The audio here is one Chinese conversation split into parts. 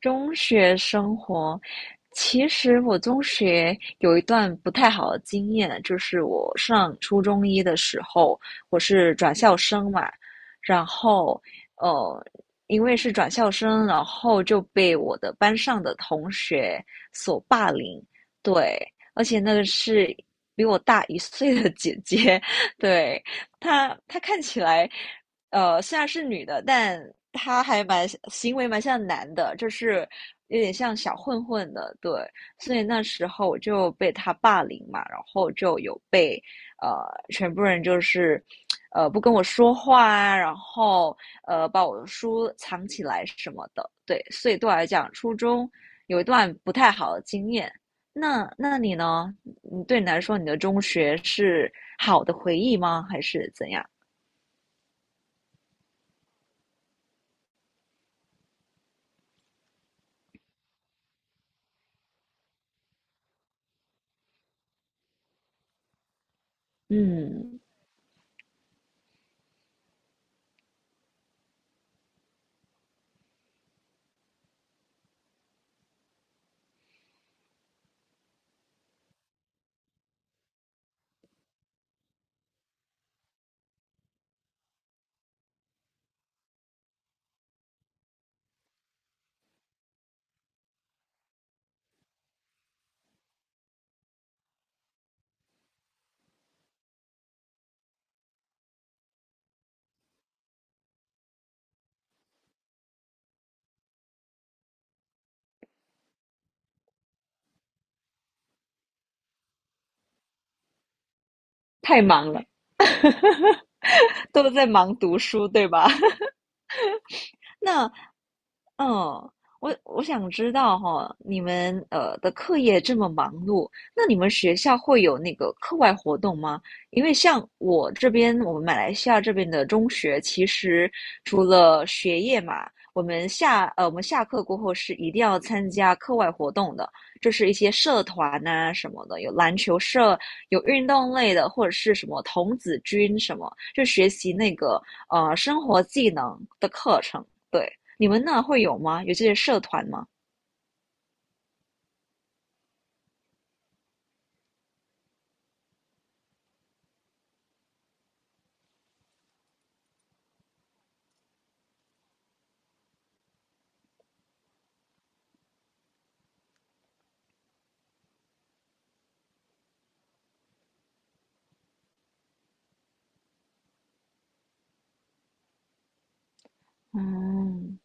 中学生活，其实我中学有一段不太好的经验，就是我上初中一的时候，我是转校生嘛，然后呃，因为是转校生，然后就被我的班上的同学所霸凌，对，而且那个是比我大一岁的姐姐，对，她看起来。虽然是女的，但她还蛮行为蛮像男的，就是有点像小混混的，对。所以那时候我就被他霸凌嘛，然后就有被呃全部人就是不跟我说话啊，然后把我的书藏起来什么的，对。所以对我来讲，初中有一段不太好的经验。那你呢？你对你来说，你的中学是好的回忆吗？还是怎样？嗯。太忙了，都在忙读书，对吧？那嗯，我想知道哈，你们的课业这么忙碌，那你们学校会有那个课外活动吗？因为像我这边，我们马来西亚这边的中学，其实除了学业嘛，我们下课过后是一定要参加课外活动的，就是一些社团呐、什么的，有篮球社，有运动类的，或者是什么童子军什么，就学习那个生活技能的课程。对。你们那会有吗？有这些社团吗？嗯，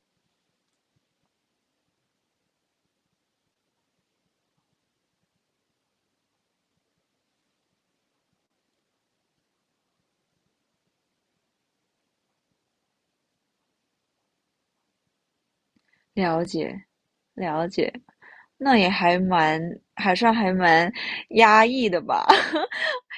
了解，了解，那也还蛮，还算还蛮压抑的吧。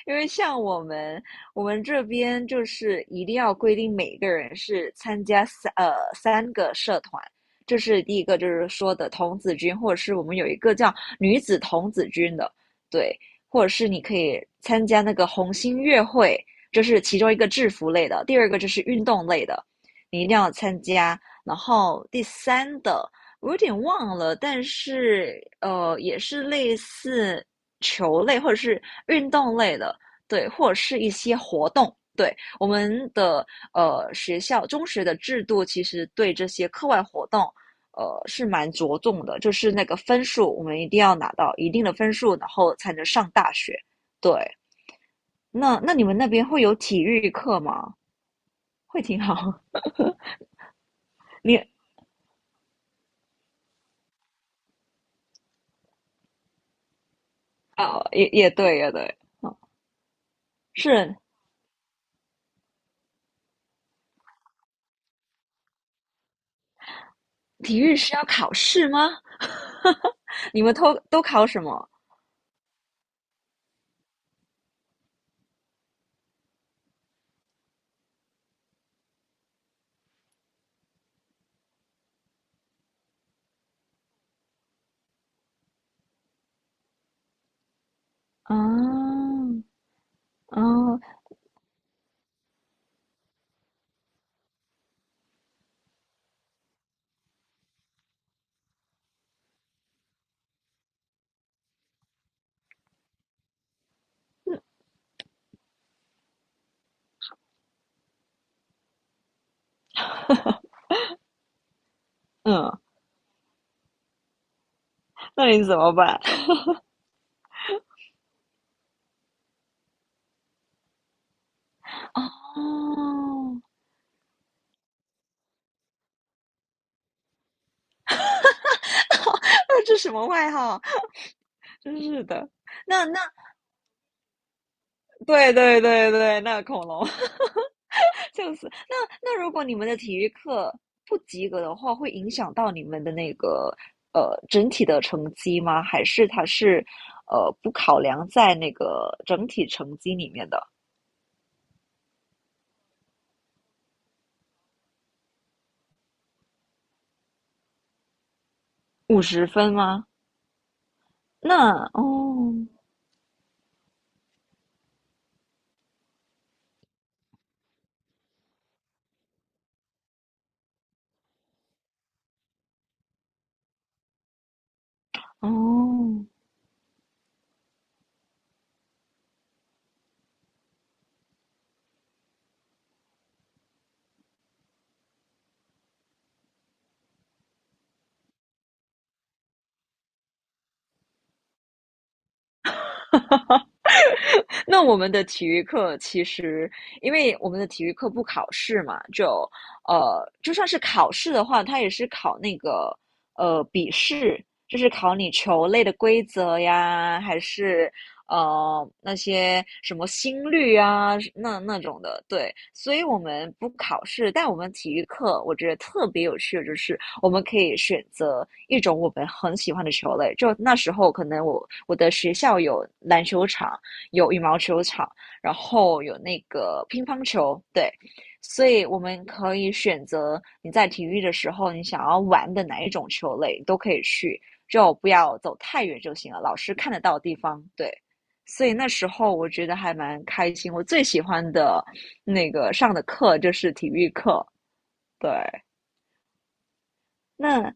因为像我们，我们这边就是一定要规定每个人是参加三个社团，这是第一个，就是说的童子军，或者是我们有一个叫女子童子军的，对，或者是你可以参加那个红星乐会，这是其中一个制服类的，第二个就是运动类的，你一定要参加，然后第三的我有点忘了，但是也是类似。球类或者是运动类的，对，或者是一些活动。对，我们的学校中学的制度，其实对这些课外活动，是蛮着重的，就是那个分数，我们一定要拿到一定的分数，然后才能上大学。对，那你们那边会有体育课吗？会挺好。你啊、也对，也对，哦，是体育是要考试吗？你们都考什么？啊，啊，嗯，那你怎么办？哦，那这什么外号？真是的。那那对对对对，那恐龙 就是。那那如果你们的体育课不及格的话，会影响到你们的那个整体的成绩吗？还是它是不考量在那个整体成绩里面的50分吗？那哦哦 那我们的体育课其实，因为我们的体育课不考试嘛，就，就算是考试的话，它也是考那个笔试，就是考你球类的规则呀，还是那些什么心率啊，那那种的。对，所以我们不考试，但我们体育课我觉得特别有趣的就是，我们可以选择一种我们很喜欢的球类。就那时候可能我的学校有篮球场。有羽毛球场，然后有那个乒乓球，对，所以我们可以选择你在体育的时候你想要玩的哪一种球类都可以去，就不要走太远就行了，老师看得到的地方，对。所以那时候我觉得还蛮开心，我最喜欢的那个上的课就是体育课，对。那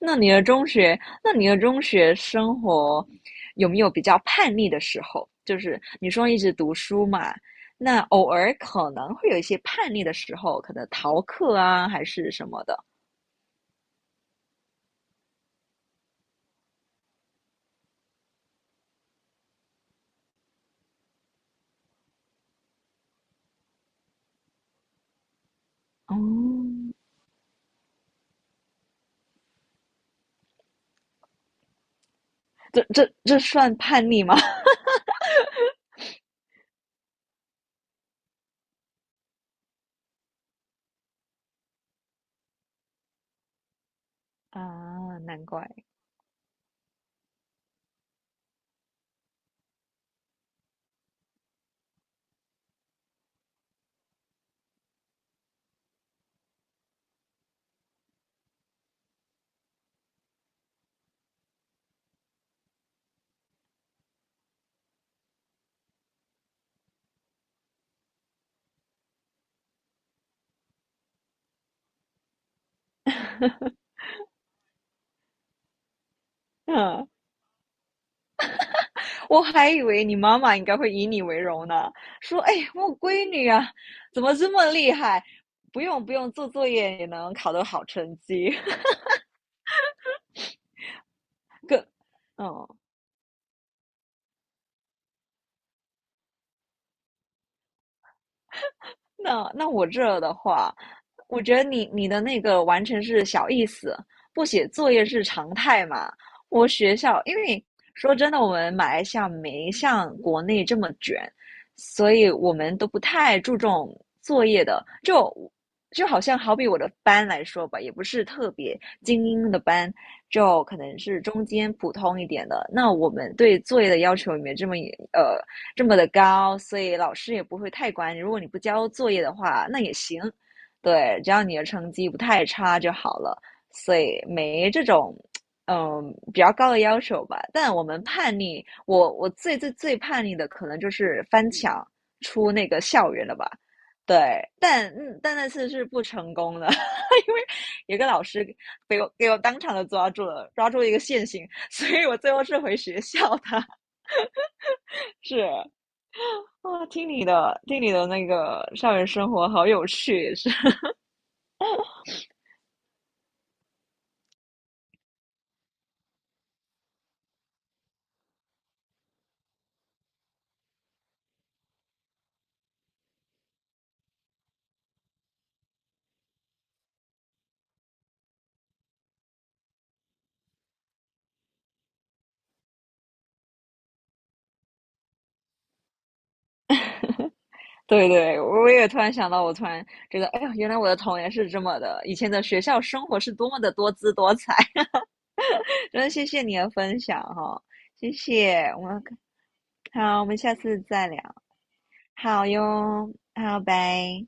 那你的中学，那你的中学生活有没有比较叛逆的时候？就是你说一直读书嘛，那偶尔可能会有一些叛逆的时候，可能逃课啊，还是什么的。哦，这算叛逆吗？啊，难怪。嗯，我还以为你妈妈应该会以你为荣呢，说：“哎，我闺女啊，怎么这么厉害？不用不用，做作业也能考得好成绩。更，嗯，那我这的话，我觉得你你的那个完全是小意思，不写作业是常态嘛。我学校，因为说真的，我们马来西亚没像国内这么卷，所以我们都不太注重作业的。就就好像好比我的班来说吧，也不是特别精英的班，就可能是中间普通一点的。那我们对作业的要求也没这么呃这么的高，所以老师也不会太管你。如果你不交作业的话，那也行，对，只要你的成绩不太差就好了。所以没这种，嗯，比较高的要求吧。但我们叛逆，我最叛逆的可能就是翻墙出那个校园了吧。对，但嗯，但那次是不成功的，因为有个老师给我当场的抓住了，抓住一个现行，所以我最后是回学校的。是，啊，听你的，听你的那个校园生活好有趣，也是。对对，我也突然想到，我突然觉得，哎呀，原来我的童年是这么的，以前的学校生活是多么的多姿多彩。真的谢谢你的分享哈，谢谢，我们好，我们下次再聊。好哟，好，拜。